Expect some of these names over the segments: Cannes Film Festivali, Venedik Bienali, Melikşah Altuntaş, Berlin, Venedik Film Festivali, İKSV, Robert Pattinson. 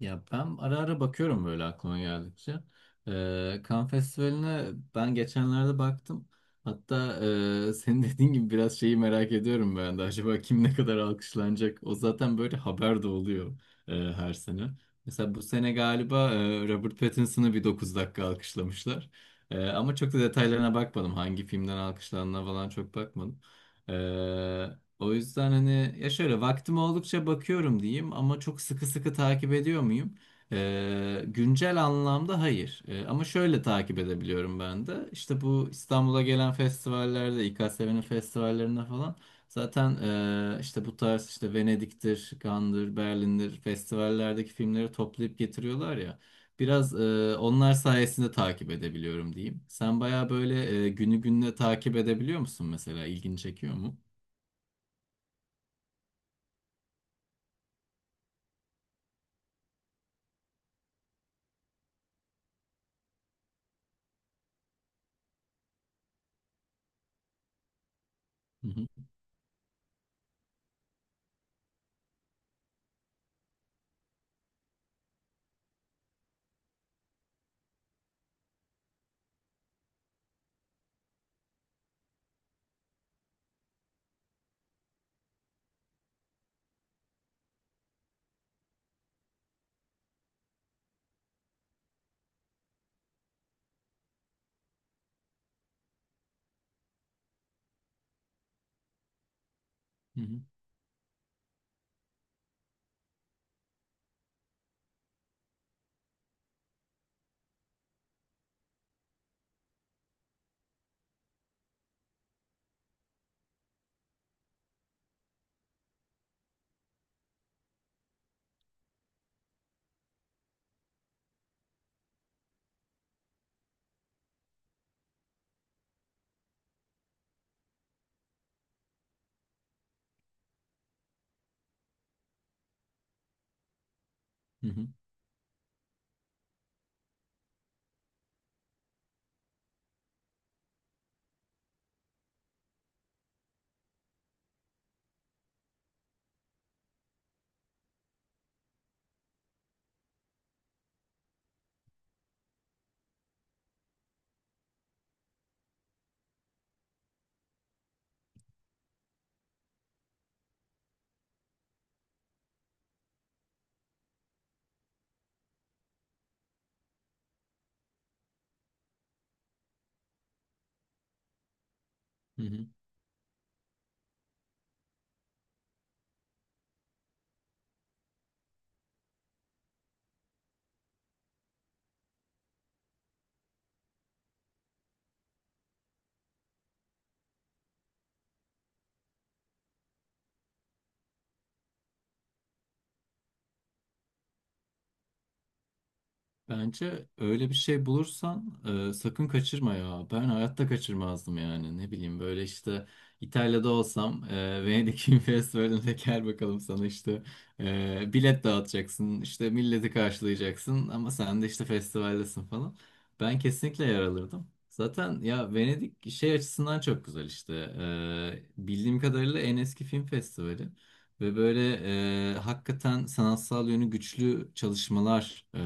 Ya ben ara ara bakıyorum böyle aklıma geldikçe. Cannes Festivali'ne ben geçenlerde baktım. Hatta senin dediğin gibi biraz şeyi merak ediyorum ben de. Acaba kim ne kadar alkışlanacak? O zaten böyle haber de oluyor her sene. Mesela bu sene galiba Robert Pattinson'ı bir 9 dakika alkışlamışlar. Ama çok da detaylarına bakmadım. Hangi filmden alkışlandığına falan çok bakmadım. O yüzden hani ya şöyle vaktim oldukça bakıyorum diyeyim ama çok sıkı sıkı takip ediyor muyum? Güncel anlamda hayır. Ama şöyle takip edebiliyorum ben de. İşte bu İstanbul'a gelen festivallerde, İKSV'nin festivallerinde falan zaten işte bu tarz işte Venedik'tir, Cannes'dır, Berlin'dir festivallerdeki filmleri toplayıp getiriyorlar ya. Biraz onlar sayesinde takip edebiliyorum diyeyim. Sen baya böyle günü gününe takip edebiliyor musun mesela? İlgini çekiyor mu? Hı hı, hı hı, hı hı. Bence öyle bir şey bulursan sakın kaçırma ya. Ben hayatta kaçırmazdım yani. Ne bileyim böyle işte İtalya'da olsam Venedik Film Festivali'ne gel bakalım sana işte bilet dağıtacaksın. İşte milleti karşılayacaksın ama sen de işte festivaldesin falan. Ben kesinlikle yer alırdım. Zaten ya Venedik şey açısından çok güzel işte. Bildiğim kadarıyla en eski film festivali. Ve böyle hakikaten sanatsal yönü güçlü çalışmalar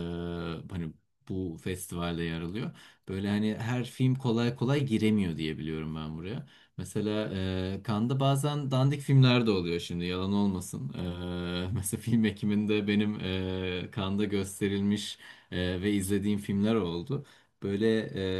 hani bu festivalde yer alıyor. Böyle hani her film kolay kolay giremiyor diye biliyorum ben buraya. Mesela Cannes'da bazen dandik filmler de oluyor şimdi yalan olmasın. Mesela film ekiminde benim Cannes'da gösterilmiş ve izlediğim filmler oldu. Böyle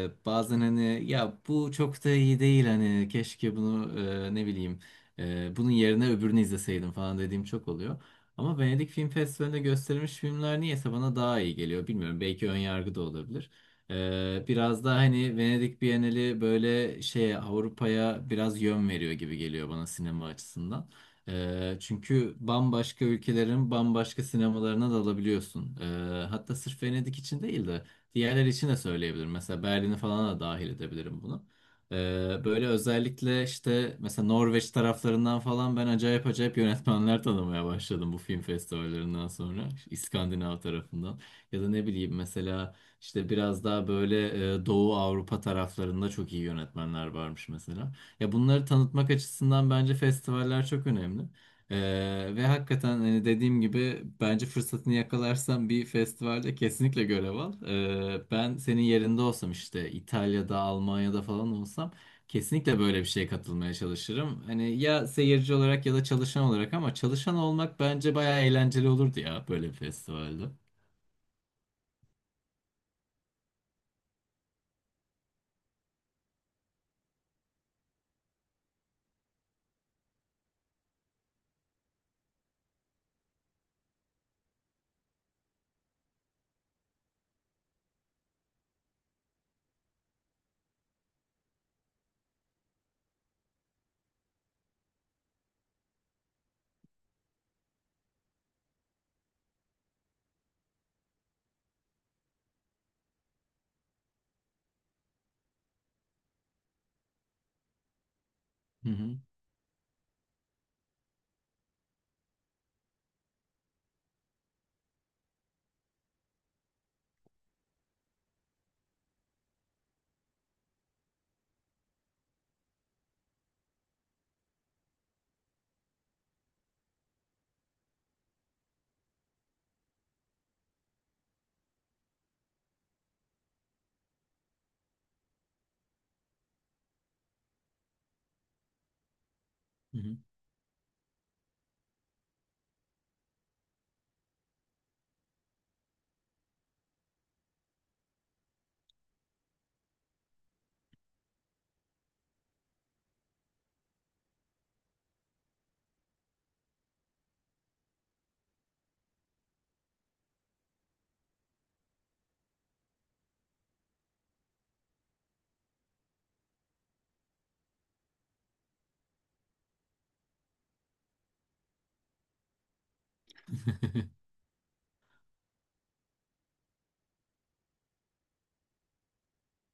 bazen hani ya bu çok da iyi değil hani keşke bunu ne bileyim bunun yerine öbürünü izleseydim falan dediğim çok oluyor. Ama Venedik Film Festivali'nde gösterilmiş filmler niyeyse bana daha iyi geliyor. Bilmiyorum belki ön yargı da olabilir. Biraz daha hani Venedik Bienali böyle şeye Avrupa'ya biraz yön veriyor gibi geliyor bana sinema açısından. Çünkü bambaşka ülkelerin bambaşka sinemalarına dalabiliyorsun. Hatta sırf Venedik için değil de diğerler için de söyleyebilirim. Mesela Berlin'i falan da dahil edebilirim buna. Böyle özellikle işte mesela Norveç taraflarından falan ben acayip acayip yönetmenler tanımaya başladım bu film festivallerinden sonra. İskandinav tarafından. Ya da ne bileyim mesela işte biraz daha böyle Doğu Avrupa taraflarında çok iyi yönetmenler varmış mesela. Ya bunları tanıtmak açısından bence festivaller çok önemli. Ve hakikaten hani dediğim gibi bence fırsatını yakalarsan bir festivalde kesinlikle görev al. Ben senin yerinde olsam işte İtalya'da, Almanya'da falan olsam kesinlikle böyle bir şeye katılmaya çalışırım. Hani ya seyirci olarak ya da çalışan olarak ama çalışan olmak bence bayağı eğlenceli olurdu ya böyle bir festivalde. Hı hı. Hı hı.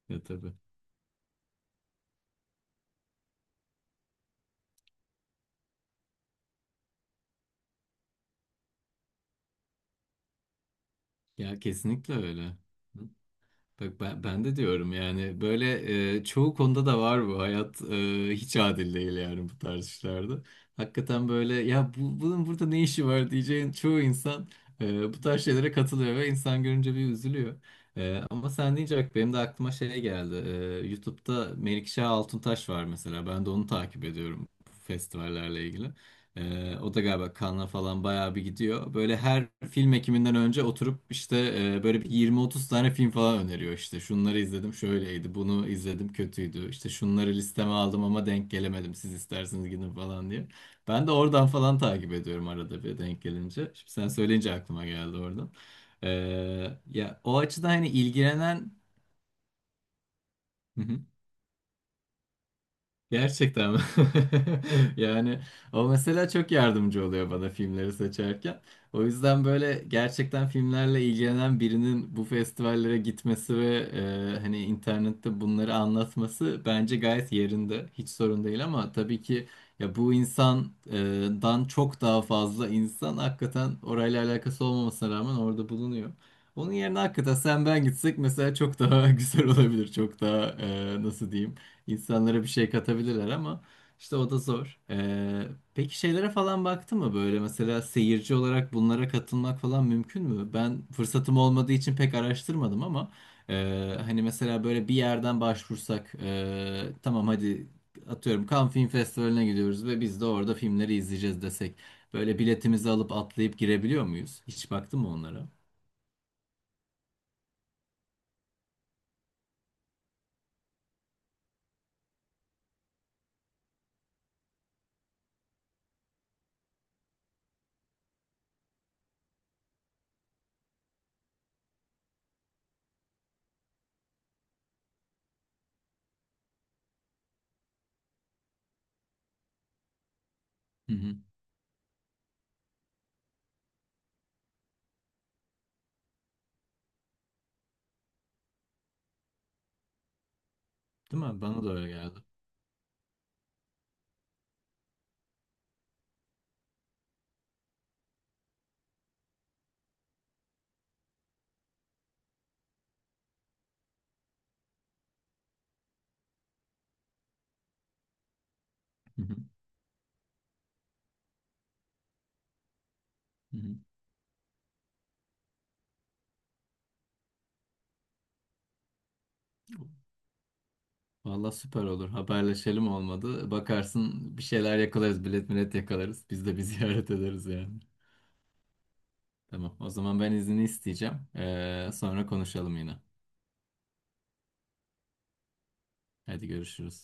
Ya tabii. Ya kesinlikle öyle. Bak ben de diyorum yani böyle çoğu konuda da var bu hayat hiç adil değil yani bu tarz işlerde. Hakikaten böyle ya bunun burada ne işi var diyeceğin çoğu insan bu tarz şeylere katılıyor ve insan görünce bir üzülüyor. Ama sen deyince bak benim de aklıma şey geldi. YouTube'da Melikşah Altuntaş var mesela ben de onu takip ediyorum bu festivallerle ilgili. O da galiba Cannes'a falan bayağı bir gidiyor. Böyle her film ekiminden önce oturup işte böyle bir 20-30 tane film falan öneriyor işte. Şunları izledim şöyleydi, bunu izledim kötüydü. İşte şunları listeme aldım ama denk gelemedim. Siz isterseniz gidin falan diye. Ben de oradan falan takip ediyorum arada bir denk gelince. Şimdi sen söyleyince aklıma geldi oradan. Ee, ya o açıdan hani ilgilenen. Gerçekten mi? Yani o mesela çok yardımcı oluyor bana filmleri seçerken. O yüzden böyle gerçekten filmlerle ilgilenen birinin bu festivallere gitmesi ve hani internette bunları anlatması bence gayet yerinde. Hiç sorun değil ama tabii ki ya bu insandan çok daha fazla insan hakikaten orayla alakası olmamasına rağmen orada bulunuyor. Onun yerine hakikaten sen ben gitsek mesela çok daha güzel olabilir. Çok daha nasıl diyeyim? İnsanlara bir şey katabilirler ama işte o da zor. Peki şeylere falan baktı mı böyle mesela seyirci olarak bunlara katılmak falan mümkün mü? Ben fırsatım olmadığı için pek araştırmadım ama hani mesela böyle bir yerden başvursak tamam hadi atıyorum Cannes Film Festivali'ne gidiyoruz ve biz de orada filmleri izleyeceğiz desek böyle biletimizi alıp atlayıp girebiliyor muyuz? Hiç baktın mı onlara? Hı hı. Değil mi? Bana da öyle geldi. Hı hı. Hı hı. Valla süper olur. Haberleşelim olmadı. Bakarsın bir şeyler yakalarız. Bilet millet yakalarız. Biz de bir ziyaret ederiz yani. Tamam. O zaman ben izni isteyeceğim. Sonra konuşalım yine. Hadi görüşürüz.